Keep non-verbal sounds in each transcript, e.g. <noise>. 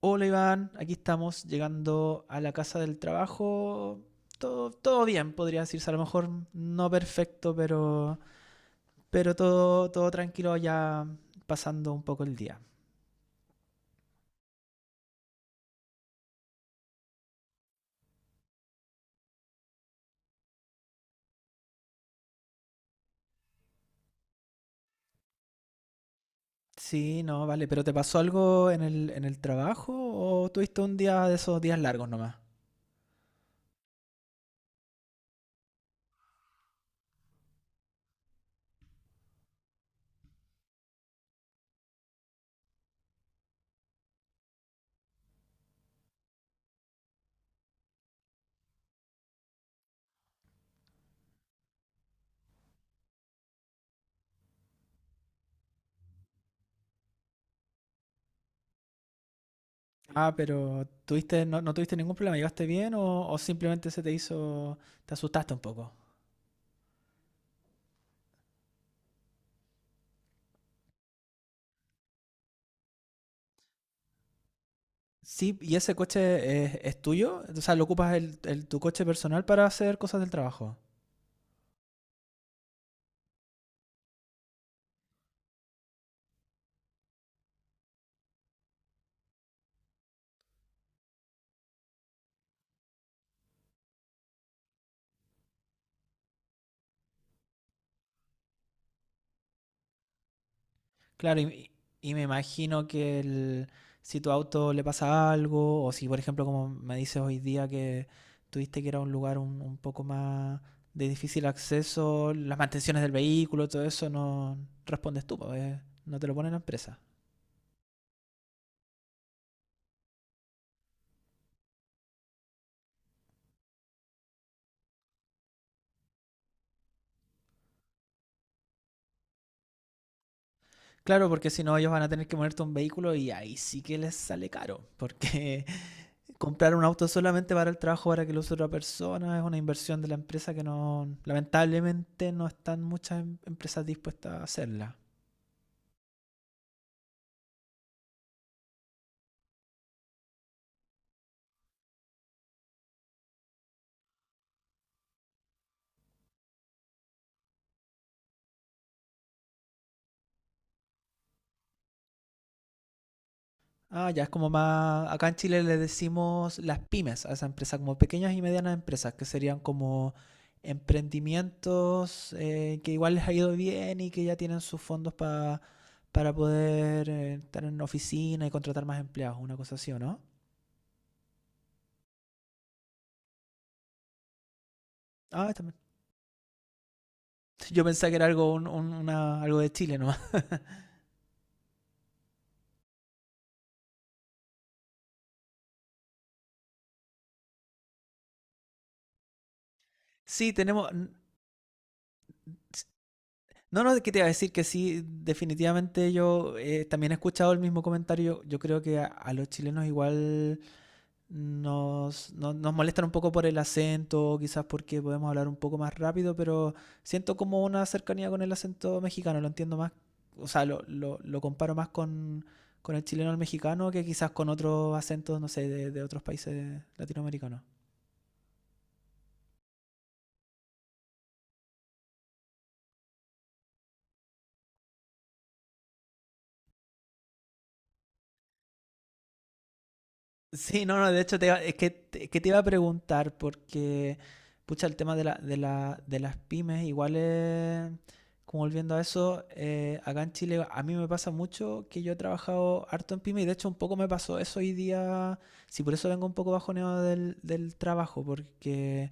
Hola Iván, aquí estamos llegando a la casa del trabajo. Todo bien, podría decirse. A lo mejor no perfecto, pero, pero todo tranquilo ya pasando un poco el día. Sí, no, vale. ¿Pero te pasó algo en el trabajo o tuviste un día de esos días largos nomás? Ah, pero tuviste, no, no tuviste ningún problema, ¿llegaste bien o simplemente se te hizo, te asustaste un poco? Sí, ¿y ese coche es tuyo? O sea, ¿lo ocupas tu coche personal para hacer cosas del trabajo? Claro, y me imagino si tu auto le pasa algo, o si por ejemplo como me dices hoy día que tuviste que era un lugar un poco más de difícil acceso, las mantenciones del vehículo, todo eso no respondes tú, pues, no te lo pone la empresa. Claro, porque si no, ellos van a tener que ponerte un vehículo y ahí sí que les sale caro, porque <laughs> comprar un auto solamente para el trabajo, para que lo use otra persona, es una inversión de la empresa que no, lamentablemente no están muchas empresas dispuestas a hacerla. Ah, ya es como más. Acá en Chile le decimos las pymes a esa empresa, como pequeñas y medianas empresas, que serían como emprendimientos que igual les ha ido bien y que ya tienen sus fondos para poder estar en oficina y contratar más empleados, una cosa así, ¿o no? Ah, también. <laughs> Yo pensaba que era algo, algo de Chile nomás. <laughs> Sí, tenemos. S- No, no, ¿qué te iba a decir? Que sí, definitivamente yo también he escuchado el mismo comentario. Yo creo que a los chilenos igual Nos, no- nos molestan un poco por el acento, quizás porque podemos hablar un poco más rápido, pero siento como una cercanía con el acento mexicano, lo entiendo más, o sea, lo comparo más con el chileno al mexicano que quizás con otros acentos, no sé, de otros países latinoamericanos. Sí, no, no, de hecho es que, que te iba a preguntar porque, pucha, el tema de las pymes, igual es, como volviendo a eso, acá en Chile a mí me pasa mucho que yo he trabajado harto en pymes y de hecho un poco me pasó eso hoy día, sí, por eso vengo un poco bajoneado del trabajo, porque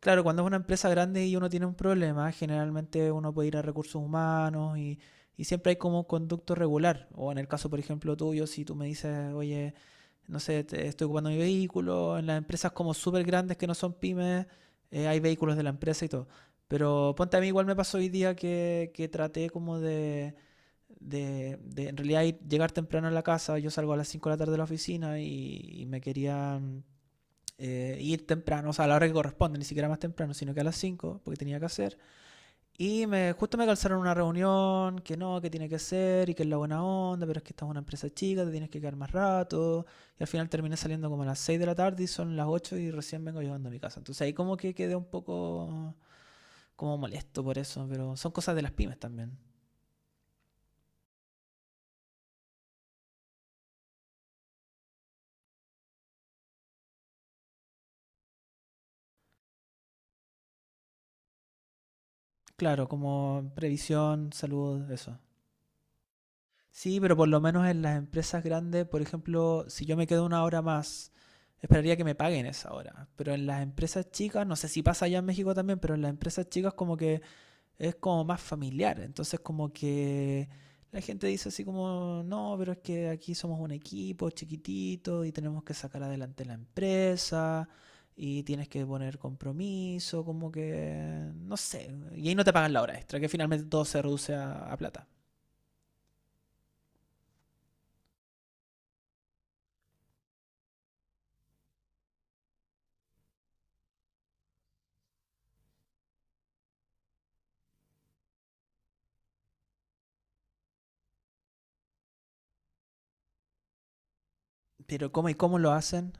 claro, cuando es una empresa grande y uno tiene un problema, generalmente uno puede ir a recursos humanos y siempre hay como un conducto regular. O en el caso, por ejemplo, tuyo, si tú me dices, oye, no sé, estoy ocupando mi vehículo, en las empresas como súper grandes que no son pymes, hay vehículos de la empresa y todo. Pero ponte a mí, igual me pasó hoy día que traté como de en realidad llegar temprano a la casa. Yo salgo a las 5 de la tarde de la oficina y me quería ir temprano, o sea, a la hora que corresponde, ni siquiera más temprano, sino que a las 5 porque tenía que hacer. Y justo me calzaron una reunión, que no, que tiene que ser, y que es la buena onda, pero es que esta es una empresa chica, te tienes que quedar más rato. Y al final terminé saliendo como a las 6 de la tarde y son las 8 y recién vengo llegando a mi casa. Entonces ahí como que quedé un poco como molesto por eso, pero son cosas de las pymes también. Claro, como previsión, salud, eso. Sí, pero por lo menos en las empresas grandes, por ejemplo, si yo me quedo una hora más, esperaría que me paguen esa hora. Pero en las empresas chicas, no sé si pasa allá en México también, pero en las empresas chicas como que es como más familiar. Entonces como que la gente dice así como, no, pero es que aquí somos un equipo chiquitito y tenemos que sacar adelante la empresa y tienes que poner compromiso, como que, no sé. Y ahí no te pagan la hora extra, que finalmente todo se reduce a plata. Pero cómo y cómo lo hacen.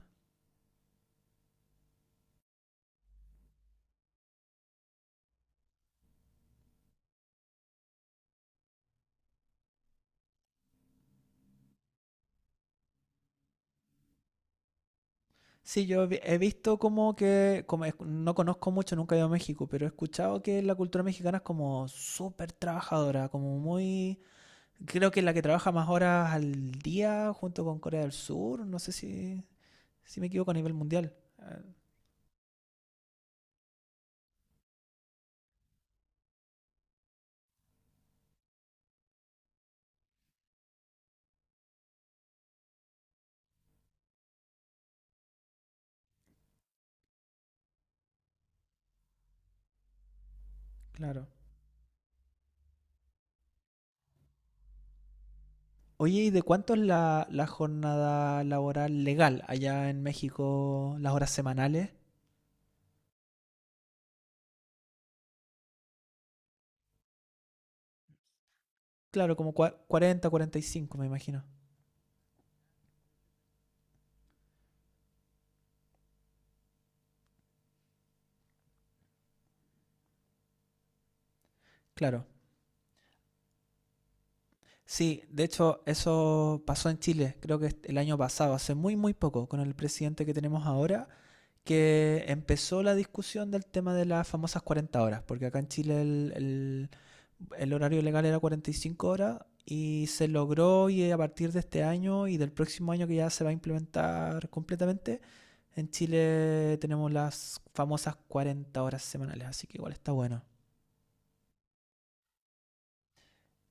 Sí, yo he visto como que, como no conozco mucho, nunca he ido a México, pero he escuchado que la cultura mexicana es como súper trabajadora, como muy, creo que es la que trabaja más horas al día junto con Corea del Sur, no sé si me equivoco a nivel mundial. Ah, claro. Oye, ¿y de cuánto es la jornada laboral legal allá en México, las horas semanales? Claro, como 40, 45, me imagino. Claro. Sí, de hecho, eso pasó en Chile, creo que el año pasado, hace muy, muy poco, con el presidente que tenemos ahora, que empezó la discusión del tema de las famosas 40 horas, porque acá en Chile el horario legal era 45 horas y se logró y a partir de este año y del próximo año que ya se va a implementar completamente, en Chile tenemos las famosas 40 horas semanales, así que igual está bueno.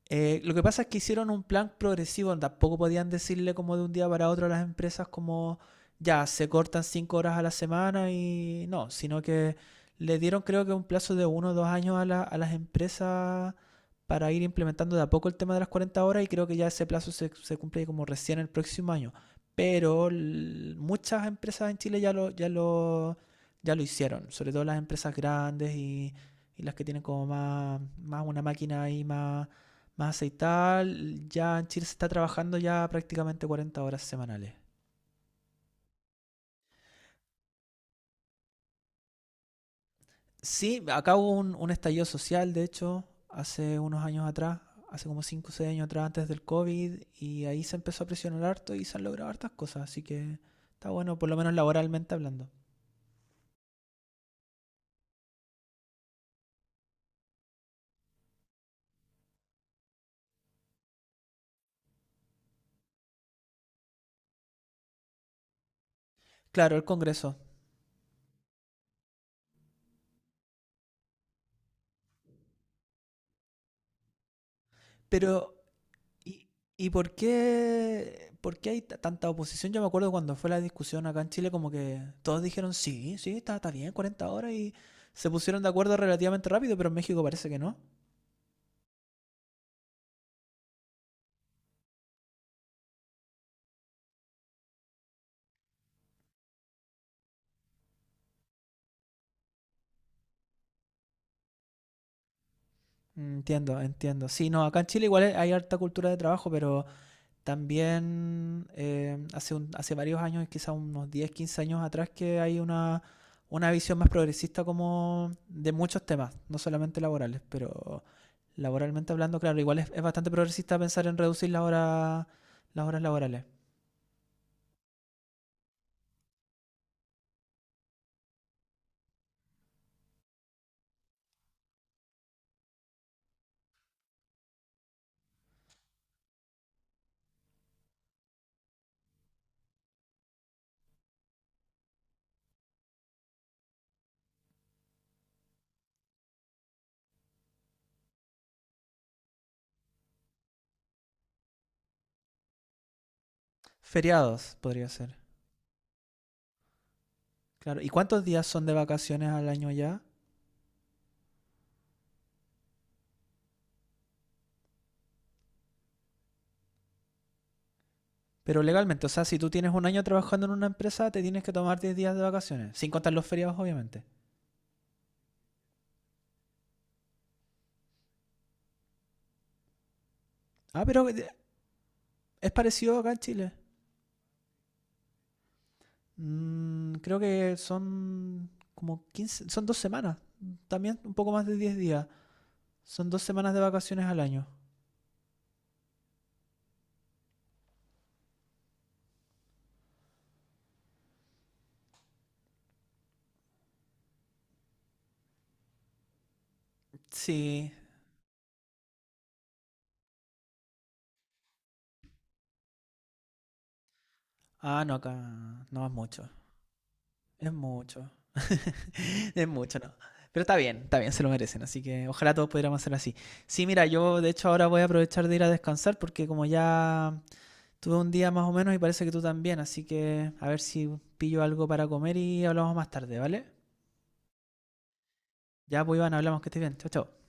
Lo que pasa es que hicieron un plan progresivo, tampoco podían decirle como de un día para otro a las empresas como ya se cortan 5 horas a la semana y no, sino que le dieron creo que un plazo de 1 o 2 años a las empresas para ir implementando de a poco el tema de las 40 horas y creo que ya ese plazo se cumple como recién el próximo año. Pero muchas empresas en Chile ya lo hicieron, sobre todo las empresas grandes y las que tienen como más, más una máquina ahí más más aceitada. Ya en Chile se está trabajando ya prácticamente 40 horas semanales. Sí, acá hubo un estallido social, de hecho, hace unos años atrás, hace como 5 o 6 años atrás, antes del COVID, y ahí se empezó a presionar harto y se han logrado hartas cosas, así que está bueno, por lo menos laboralmente hablando. Claro, el Congreso. Pero, ¿Y, y por qué hay tanta oposición? Yo me acuerdo cuando fue la discusión acá en Chile, como que todos dijeron, sí, sí, está, bien, 40 horas y se pusieron de acuerdo relativamente rápido, pero en México parece que no. Entiendo, entiendo. Sí, no, acá en Chile igual hay harta cultura de trabajo, pero también hace varios años, quizás unos 10, 15 años atrás, que hay una visión más progresista como de muchos temas, no solamente laborales, pero laboralmente hablando, claro, igual es bastante progresista pensar en reducir la hora, las horas laborales. Feriados podría ser. Claro, ¿y cuántos días son de vacaciones al año ya? Pero legalmente, o sea, si tú tienes un año trabajando en una empresa, te tienes que tomar 10 días de vacaciones, sin contar los feriados, obviamente. Ah, pero es parecido acá en Chile. Creo que son como 15 son 2 semanas, también un poco más de 10 días. Son dos semanas de vacaciones al año. Sí. Ah, no, acá no es mucho. Es mucho. Es mucho, ¿no? Pero está bien, se lo merecen. Así que ojalá todos pudiéramos hacer así. Sí, mira, yo de hecho ahora voy a aprovechar de ir a descansar porque como ya tuve un día más o menos y parece que tú también. Así que a ver si pillo algo para comer y hablamos más tarde, ¿vale? Ya, pues Iván, hablamos, que estés bien. Chao, chao.